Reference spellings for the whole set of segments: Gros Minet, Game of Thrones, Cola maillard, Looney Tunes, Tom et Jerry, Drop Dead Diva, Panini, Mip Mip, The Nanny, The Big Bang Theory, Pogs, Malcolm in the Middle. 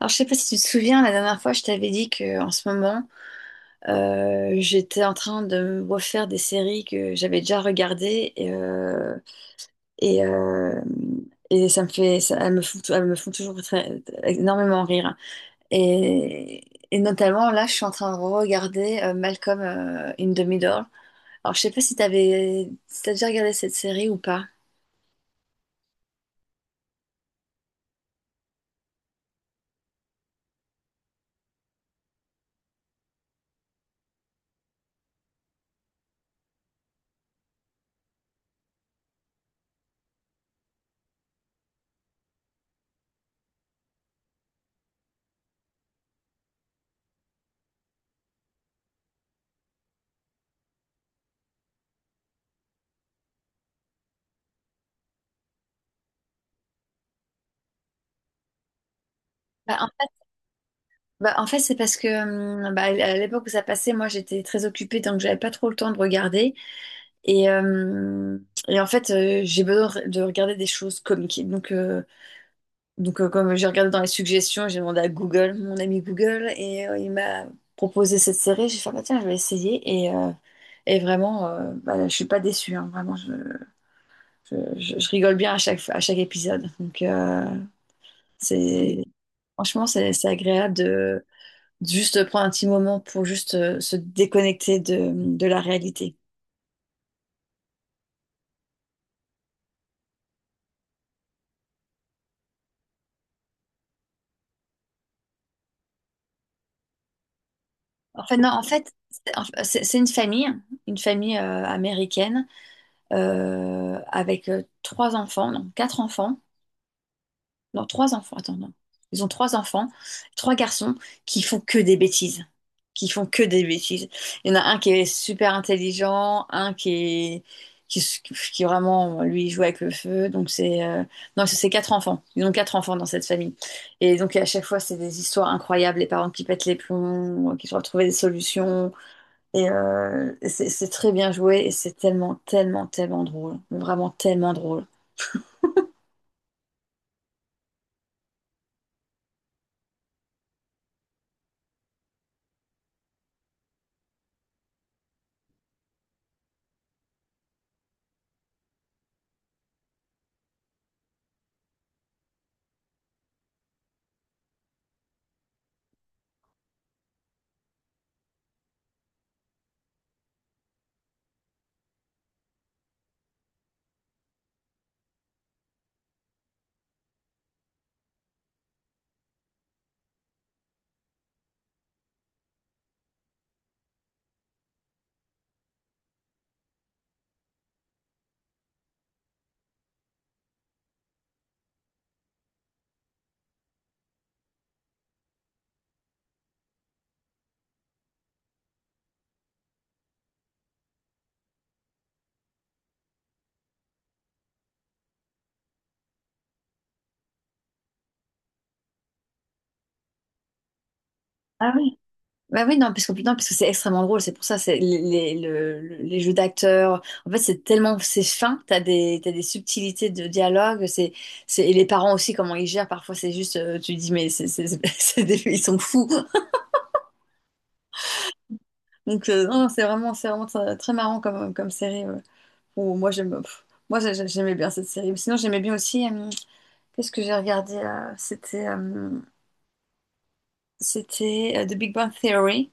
Alors, je sais pas si tu te souviens, la dernière fois, je t'avais dit que en ce moment, j'étais en train de me refaire des séries que j'avais déjà regardées et, euh, et ça me fait, elles me font, elles me font énormément rire. Et, et notamment, là, je suis en train de regarder Malcolm in the Middle. Alors, je sais pas si t'avais, si t'as déjà regardé cette série ou pas. Bah, en fait, bah, en fait, c'est parce que bah, à l'époque où ça passait, moi j'étais très occupée donc j'avais pas trop le temps de regarder. Et, euh, et en fait, j'ai besoin de de regarder des choses comiques. Donc, comme j'ai regardé dans les suggestions, j'ai demandé à Google, mon ami Google, et il m'a proposé cette série. J'ai fait, bah, tiens, je vais essayer. Et vraiment, bah, je suis pas déçue, hein. Vraiment, je rigole bien à chaque épisode. Donc c'est, franchement, c'est agréable de juste prendre un petit moment pour juste se déconnecter de la réalité. En fait, non, en fait, c'est une famille américaine avec trois enfants, non, quatre enfants, non, trois enfants, attends, non. Ils ont trois enfants, trois garçons qui font que des bêtises, qui font que des bêtises. Il y en a un qui est super intelligent, un qui est, qui, s- qui vraiment, lui, joue avec le feu. Donc non, c'est quatre enfants. Ils ont quatre enfants dans cette famille. Et donc, à chaque fois, c'est des histoires incroyables, les parents qui pètent les plombs, qui doivent trouver des solutions. Et c'est très bien joué et c'est tellement, tellement, tellement drôle. Vraiment tellement drôle. Ah oui. Bah oui, non, parce que, non, parce que c'est extrêmement drôle, c'est pour ça, c'est les jeux d'acteurs, en fait, c'est tellement, c'est fin, t'as des subtilités de dialogue, c'est, et les parents aussi, comment ils gèrent, parfois, c'est juste, tu dis, mais c'est, ils sont fous. Donc non, c'est vraiment très, très marrant comme série, ouais. Ou moi, j'aime, pff, moi, j'aimais bien cette série. Sinon, j'aimais bien aussi, qu'est-ce que j'ai regardé, c'était The Big Bang Theory.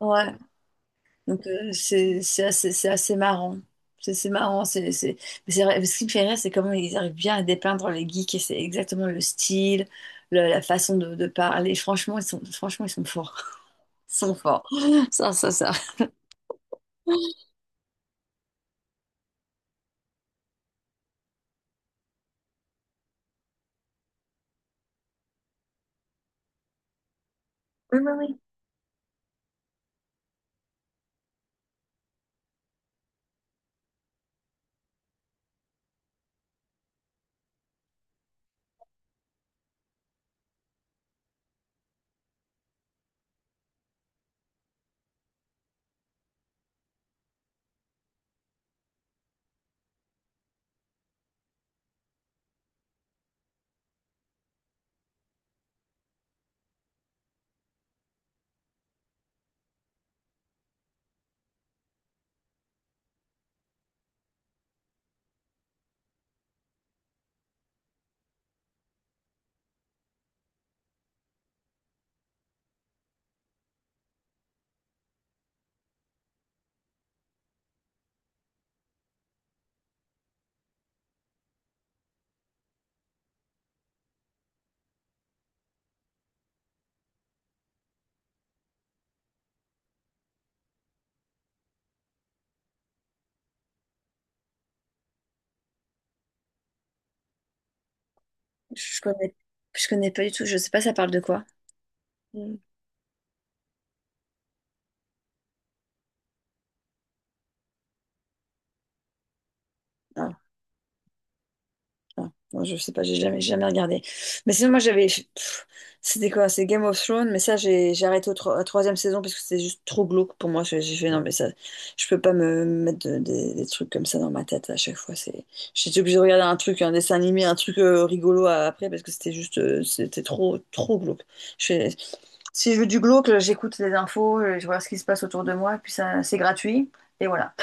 Ouais, donc c'est assez marrant. C'est marrant, mais c'est vrai, ce qui me fait rire, c'est comment ils arrivent bien à dépeindre les geeks et c'est exactement le style, la façon de parler. Franchement, ils sont forts. Ils sont forts. Ça, ça, ça. Oui, oui, oui. Je connais, je connais pas du tout. Je sais pas, ça parle de quoi. Hmm. Ah, non, je sais pas, j'ai jamais, jamais regardé. Mais sinon, moi, j'avais, pff, c'était quoi? C'est Game of Thrones, mais ça, j'ai arrêté au tro- à la troisième saison parce que c'était juste trop glauque pour moi. J'ai fait, non, mais ça, je peux pas me mettre des trucs comme ça dans ma tête à chaque fois. C'est, j'étais obligée de regarder un truc, un dessin animé, un truc rigolo après parce que c'était juste, c'était trop, trop glauque. Je fais- Si je veux du glauque, j'écoute les infos, je vois ce qui se passe autour de moi, puis ça, c'est gratuit, et voilà.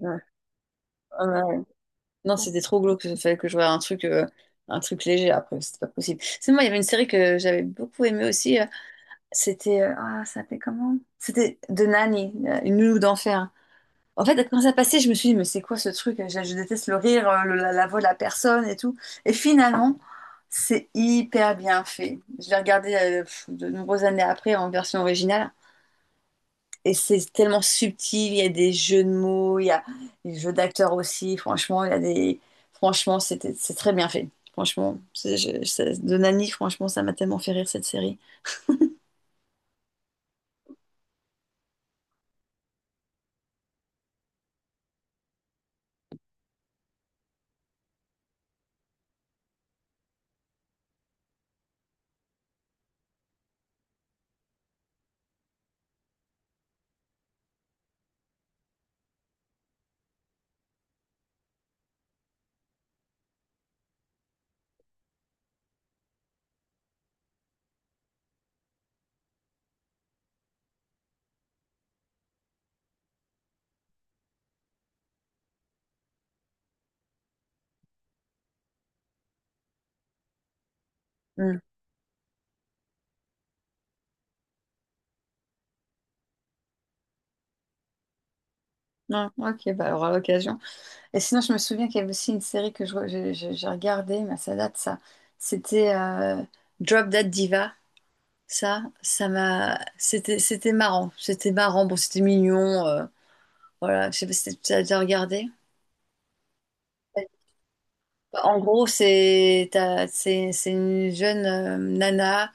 Ouais, ah ouais, ouais. Non, c'était trop glauque. Il fallait que je voie un truc léger après. C'était pas possible. C'est moi, il y avait une série que j'avais beaucoup aimée aussi, C'était. Ah, ça s'appelait comment? C'était The Nanny, une nounou d'enfer. En fait, quand ça passait, je me suis dit, mais c'est quoi ce truc? Je déteste le rire, la, la voix de la personne et tout. Et finalement, c'est hyper bien fait. Je l'ai regardé pff, de nombreuses années après en version originale. Et c'est tellement subtil, il y a des jeux de mots, il y a des jeux d'acteurs aussi. Franchement, il y a des... Franchement, c'est très bien fait. Franchement, de Nani, franchement, ça m'a tellement fait rire cette série. Hmm. Non, ok, bah, on aura l'occasion. Et sinon, je me souviens qu'il y avait aussi une série que je, re- je- j'ai regardée, mais ça date, ça. C'était Drop Dead Diva. Ça m'a... C'était, c'était marrant. C'était marrant. Bon, c'était mignon, voilà, je sais pas si tu as déjà regardé. En gros, c'est t'as- c'est une jeune nana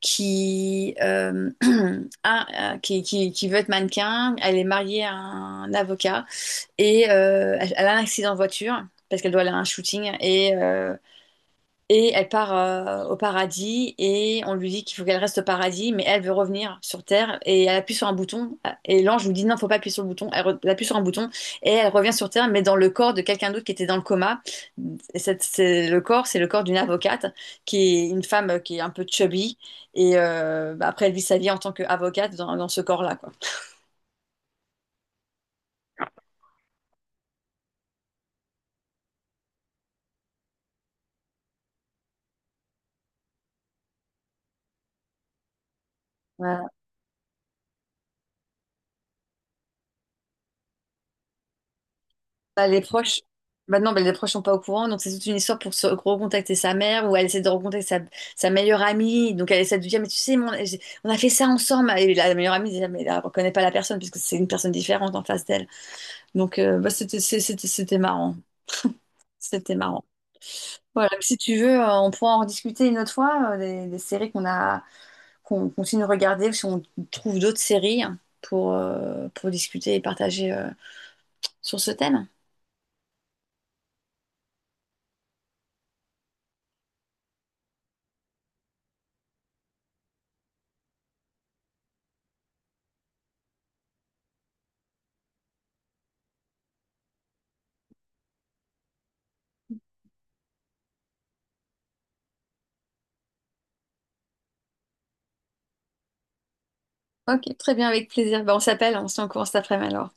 qui, qui veut être mannequin. Elle est mariée à un avocat et elle a un accident de voiture parce qu'elle doit aller à un shooting et elle part au paradis et on lui dit qu'il faut qu'elle reste au paradis, mais elle veut revenir sur Terre et elle appuie sur un bouton et l'ange lui dit non, faut pas appuyer sur le bouton. Elle appuie sur un bouton et elle revient sur Terre, mais dans le corps de quelqu'un d'autre qui était dans le coma. C'est le corps, c'est le corps d'une avocate qui est une femme qui est un peu chubby et bah, après elle vit sa vie en tant qu'avocate dans ce corps-là, quoi. Bah, les proches, maintenant, les proches sont pas au courant, donc c'est toute une histoire pour se recontacter sa mère ou elle essaie de recontacter sa meilleure amie. Donc elle essaie de lui dire, mais tu sais, on a fait ça ensemble. Et la meilleure amie, déjà, mais elle reconnaît pas la personne puisque c'est une personne différente en face d'elle. Donc bah, c'était marrant. C'était marrant. Voilà, donc si tu veux, on pourra en rediscuter une autre fois, des séries qu'on a, qu'on continue de regarder, ou si on trouve d'autres séries hein, pour discuter et partager sur ce thème. Ok, très bien, avec plaisir. Ben, on s'appelle, on se tient au courant cet après-midi alors.